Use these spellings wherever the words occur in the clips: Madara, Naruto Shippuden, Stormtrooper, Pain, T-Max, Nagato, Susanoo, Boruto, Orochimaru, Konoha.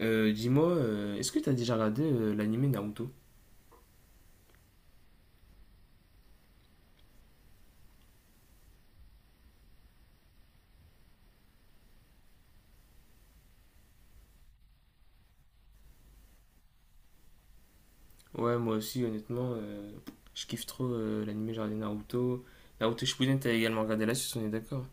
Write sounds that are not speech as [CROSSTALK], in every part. Dis-moi, est-ce que t'as déjà regardé l'anime Naruto? Ouais, moi aussi, honnêtement, je kiffe trop l'anime, j'ai regardé Naruto. Naruto Shippuden, t'as également regardé la suite, on est d'accord?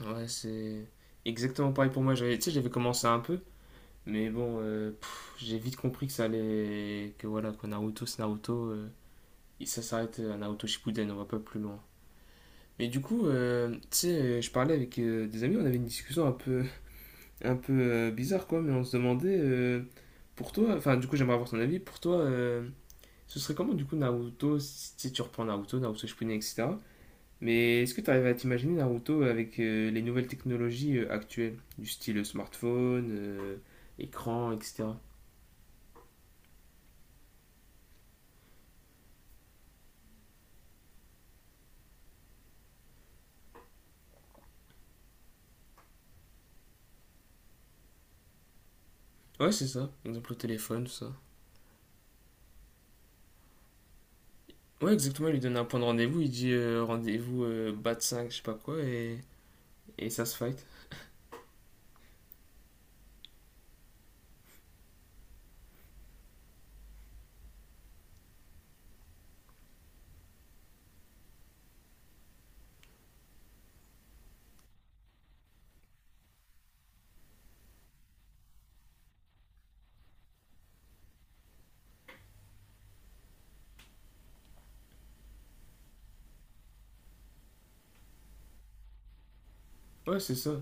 Ouais, c'est exactement pareil pour moi. J'avais, tu sais, j'avais commencé un peu, mais bon, j'ai vite compris que ça allait, que voilà, quoi, Naruto, c'est Naruto, et ça s'arrête à Naruto Shippuden, on va pas plus loin. Mais du coup, tu sais, je parlais avec des amis, on avait une discussion un peu, un peu bizarre, quoi, mais on se demandait, pour toi, enfin, du coup, j'aimerais avoir ton avis, pour toi, ce serait comment, du coup, Naruto, si tu reprends Naruto, Naruto Shippuden, etc. Mais est-ce que tu arrives à t'imaginer Naruto avec les nouvelles technologies actuelles, du style smartphone, écran, etc. Ouais, c'est ça, exemple le téléphone, tout ça. Ouais, exactement, il lui donne un point de rendez-vous, il dit rendez-vous bat 5, je sais pas quoi, et ça se fight. Ouais, c'est ça.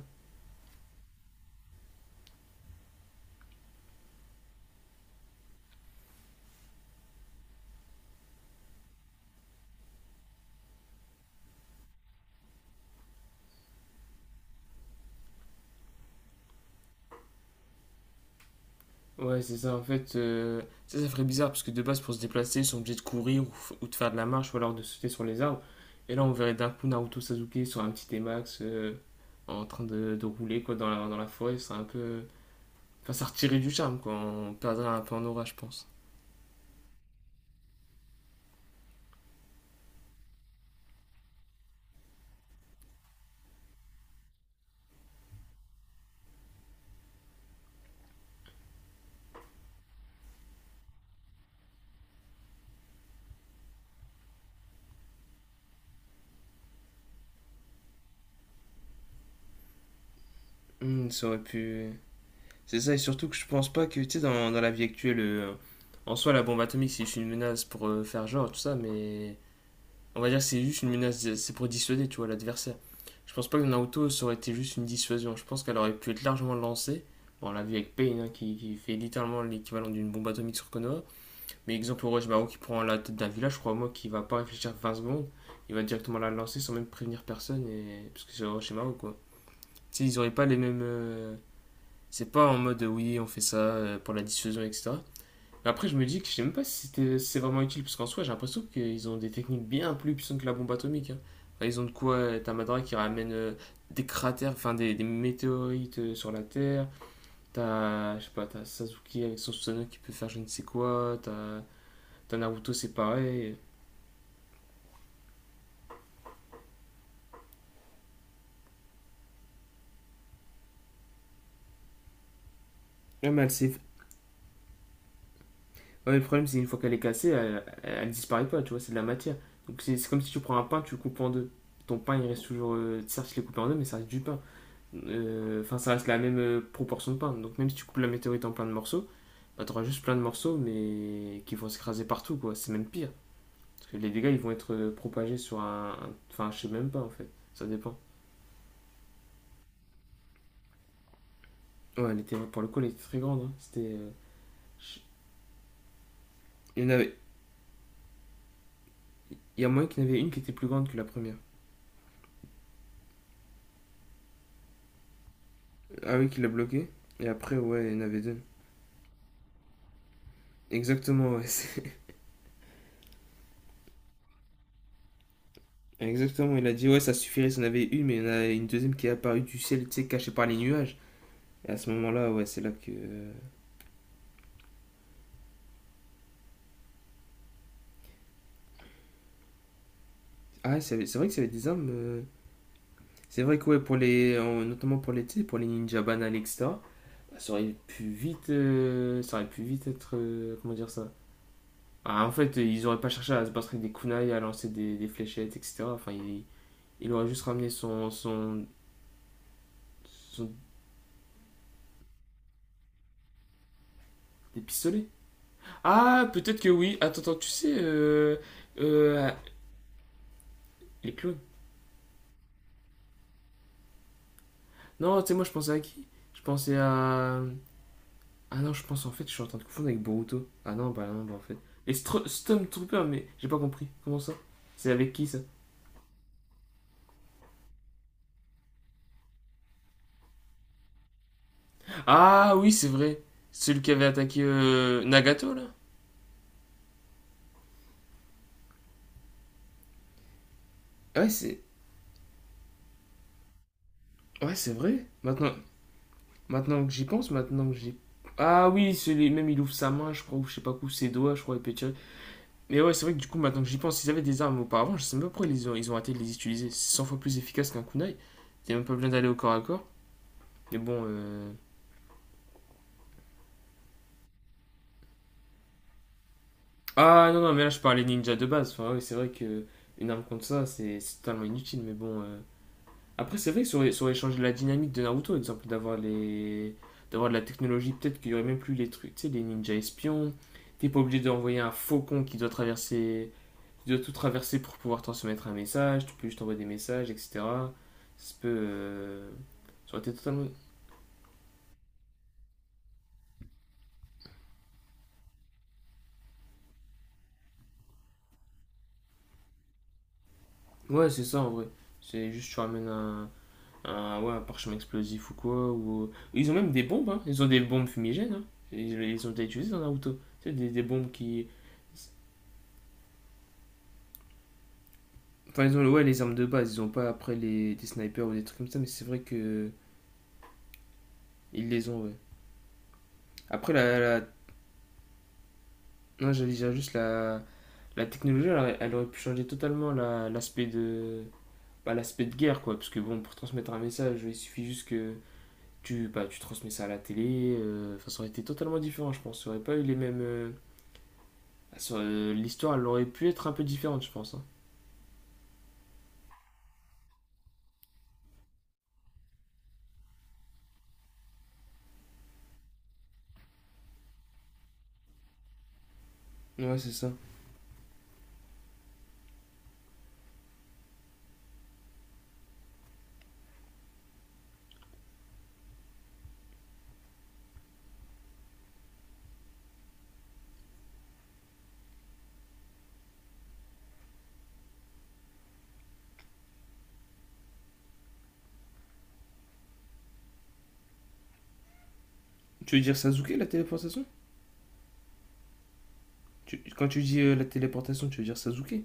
Ouais, c'est ça. En fait, ça, ça ferait bizarre parce que de base, pour se déplacer, ils sont obligés de courir ou de faire de la marche ou alors de sauter sur les arbres. Et là, on verrait d'un coup Naruto Sasuke sur un petit T-Max en train de rouler quoi, dans la forêt. C'est un peu... Enfin, ça retirait du charme quoi. On perdrait un peu en aura, je pense. Hmm, ça aurait pu. C'est ça, et surtout que je pense pas que, tu sais, dans la vie actuelle, en soi, la bombe atomique, c'est juste une menace pour faire genre, tout ça, mais on va dire que c'est juste une menace, c'est pour dissuader, tu vois, l'adversaire. Je pense pas que Naruto, ça aurait été juste une dissuasion. Je pense qu'elle aurait pu être largement lancée. Bon, on l'a vu avec Pain, hein, qui fait littéralement l'équivalent d'une bombe atomique sur Konoha. Mais exemple, Orochimaru qui prend la tête d'un village, crois-moi, qui va pas réfléchir 20 secondes. Il va directement la lancer sans même prévenir personne, et... parce que c'est Orochimaru, quoi. Tu sais, ils auraient pas les mêmes... C'est pas en mode, oui, on fait ça pour la dissuasion, etc. Après, je me dis que je sais même pas si c'est vraiment utile, parce qu'en soi, j'ai l'impression qu'ils ont des techniques bien plus puissantes que la bombe atomique, hein. Enfin, ils ont de quoi. T'as Madara qui ramène des cratères, enfin des météorites sur la Terre. T'as, je sais pas, t'as Sasuke avec son Susanoo qui peut faire je ne sais quoi. T'as Naruto, c'est pareil. Ouais, ouais, le problème, c'est une fois qu'elle est cassée, elle disparaît pas, tu vois, c'est de la matière. Donc c'est comme si tu prends un pain, tu le coupes en deux. Ton pain, il reste toujours. Certes, il est coupé en deux, mais ça reste du pain. Enfin, ça reste la même proportion de pain. Donc, même si tu coupes la météorite en plein de morceaux, bah, t'auras juste plein de morceaux, mais qui vont s'écraser partout, quoi. C'est même pire. Parce que les dégâts, ils vont être propagés sur un... Enfin, je sais même pas, en fait. Ça dépend. Ouais, elle était, pour le coup, elle était très grande, hein. C'était... Il y en avait. Il y a moyen qu'il y en avait une qui était plus grande que la première. Ah oui, qu'il l'a bloquée. Et après, ouais, il y en avait deux. Exactement, ouais. [LAUGHS] Exactement, il a dit, ouais, ça suffirait s'il y en avait une, mais il y en a une deuxième qui est apparue du ciel, tu sais, cachée par les nuages. Et à ce moment-là, ouais, c'est là que... Ah, c'est vrai que ça avait des armes. C'est vrai que ouais, notamment pour les, tu sais, pour les ninja banals, etc. Ça aurait pu vite être, comment dire ça? Ah, en fait, ils auraient pas cherché à se battre avec des kunai, à lancer des fléchettes, etc. Enfin, il aurait juste ramené son- des pistolets. Ah, peut-être que oui. Attends, attends, tu sais, euh, les clones. Non, tu sais, moi, je pensais à qui? Je pensais à... Ah non, je pense en fait, je suis en train de confondre avec Boruto. Ah non, bah non, bah en fait... Et Stormtrooper, mais j'ai pas compris. Comment ça? C'est avec qui ça? Ah oui, c'est vrai. Celui qui avait attaqué Nagato là. Ouais, c'est ouais, c'est vrai. Maintenant que j'y pense, maintenant que j'y... Ah oui, celui même il ouvre sa main, je crois ou je sais pas quoi, ses doigts, je crois il peut tirer. Mais ouais, c'est vrai que du coup maintenant que j'y pense, ils avaient des armes auparavant, je sais même pas pourquoi ils ont arrêté de les utiliser. C'est 100 fois plus efficace qu'un kunai. Il y a même pas besoin d'aller au corps à corps. Mais bon... Ah non, non, mais là je parlais ninja de base. Enfin, ouais, c'est vrai que une arme contre ça, c'est totalement inutile. Mais bon, après, c'est vrai que ça aurait changé la dynamique de Naruto, exemple, d'avoir les... d'avoir de la technologie. Peut-être qu'il y aurait même plus les trucs, tu sais, les ninjas espions. T'es pas obligé d'envoyer un faucon qui doit traverser, qui doit tout traverser pour pouvoir transmettre un message. Tu peux juste envoyer des messages, etc. Ça peut... Ça aurait été totalement... Ouais, c'est ça en vrai. C'est juste tu ramènes un... ouais, un parchemin explosif ou quoi. Ou... Ils ont même des bombes, hein. Ils ont des bombes fumigènes, hein. Ils ont été utilisées dans Naruto. Tu sais, des bombes qui... Enfin, ils ont ouais, les armes de base, ils ont pas après les, des snipers ou des trucs comme ça, mais c'est vrai que ils les ont, ouais. Après, la... la... Non, j'allais dire juste la technologie, elle, elle aurait pu changer totalement l'aspect de... bah, l'aspect de guerre, quoi. Parce que bon, pour transmettre un message, il suffit juste que bah, tu transmets ça à la télé. Enfin, ça aurait été totalement différent, je pense. Ça aurait pas eu les mêmes... L'histoire, elle aurait pu être un peu différente, je pense, hein. Ouais, c'est ça. Tu veux dire Sasuke, la téléportation? Quand tu dis la téléportation, tu veux dire Sasuke?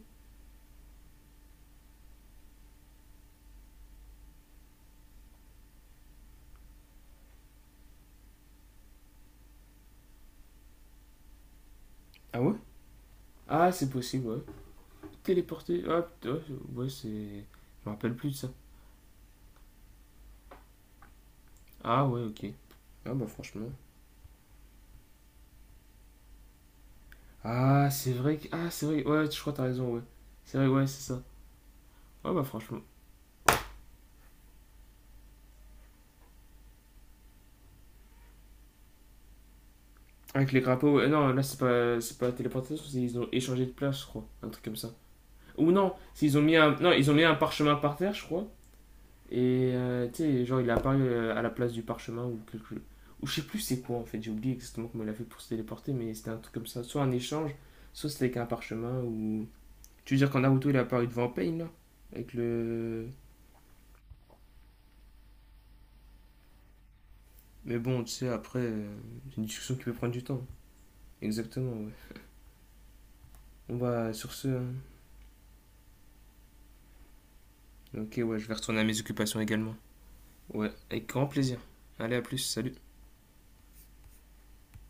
Ah ouais. Ah, c'est possible, ouais. Téléporter, ah, putain, ouais, ouais, c'est... Je me rappelle plus de ça. Ah, ouais, ok. Ah bah franchement. Ah, c'est vrai que... Ah, c'est vrai. Ouais, je crois que t'as raison, ouais. C'est vrai, ouais, c'est ça. Ouais, bah, franchement. Avec les grappins, ouais. Non, là, c'est pas la téléportation, c'est ils ont échangé de place, je crois. Un truc comme ça. Ou non, c'est ils ont mis un, non, ils ont mis un parchemin par terre, je crois. Et tu sais, genre, il est apparu à la place du parchemin ou quelque... Ou je sais plus c'est quoi en fait, j'ai oublié exactement comment il a fait pour se téléporter, mais c'était un truc comme ça. Soit un échange, soit c'était avec un parchemin ou... Tu veux dire qu'en Naruto il est apparu devant Pain là? Avec le... Mais bon, tu sais, après, c'est une discussion qui peut prendre du temps. Exactement, ouais. On va sur ce, hein. Ok, ouais, je vais retourner à mes occupations également. Ouais, avec grand plaisir. Allez, à plus, salut.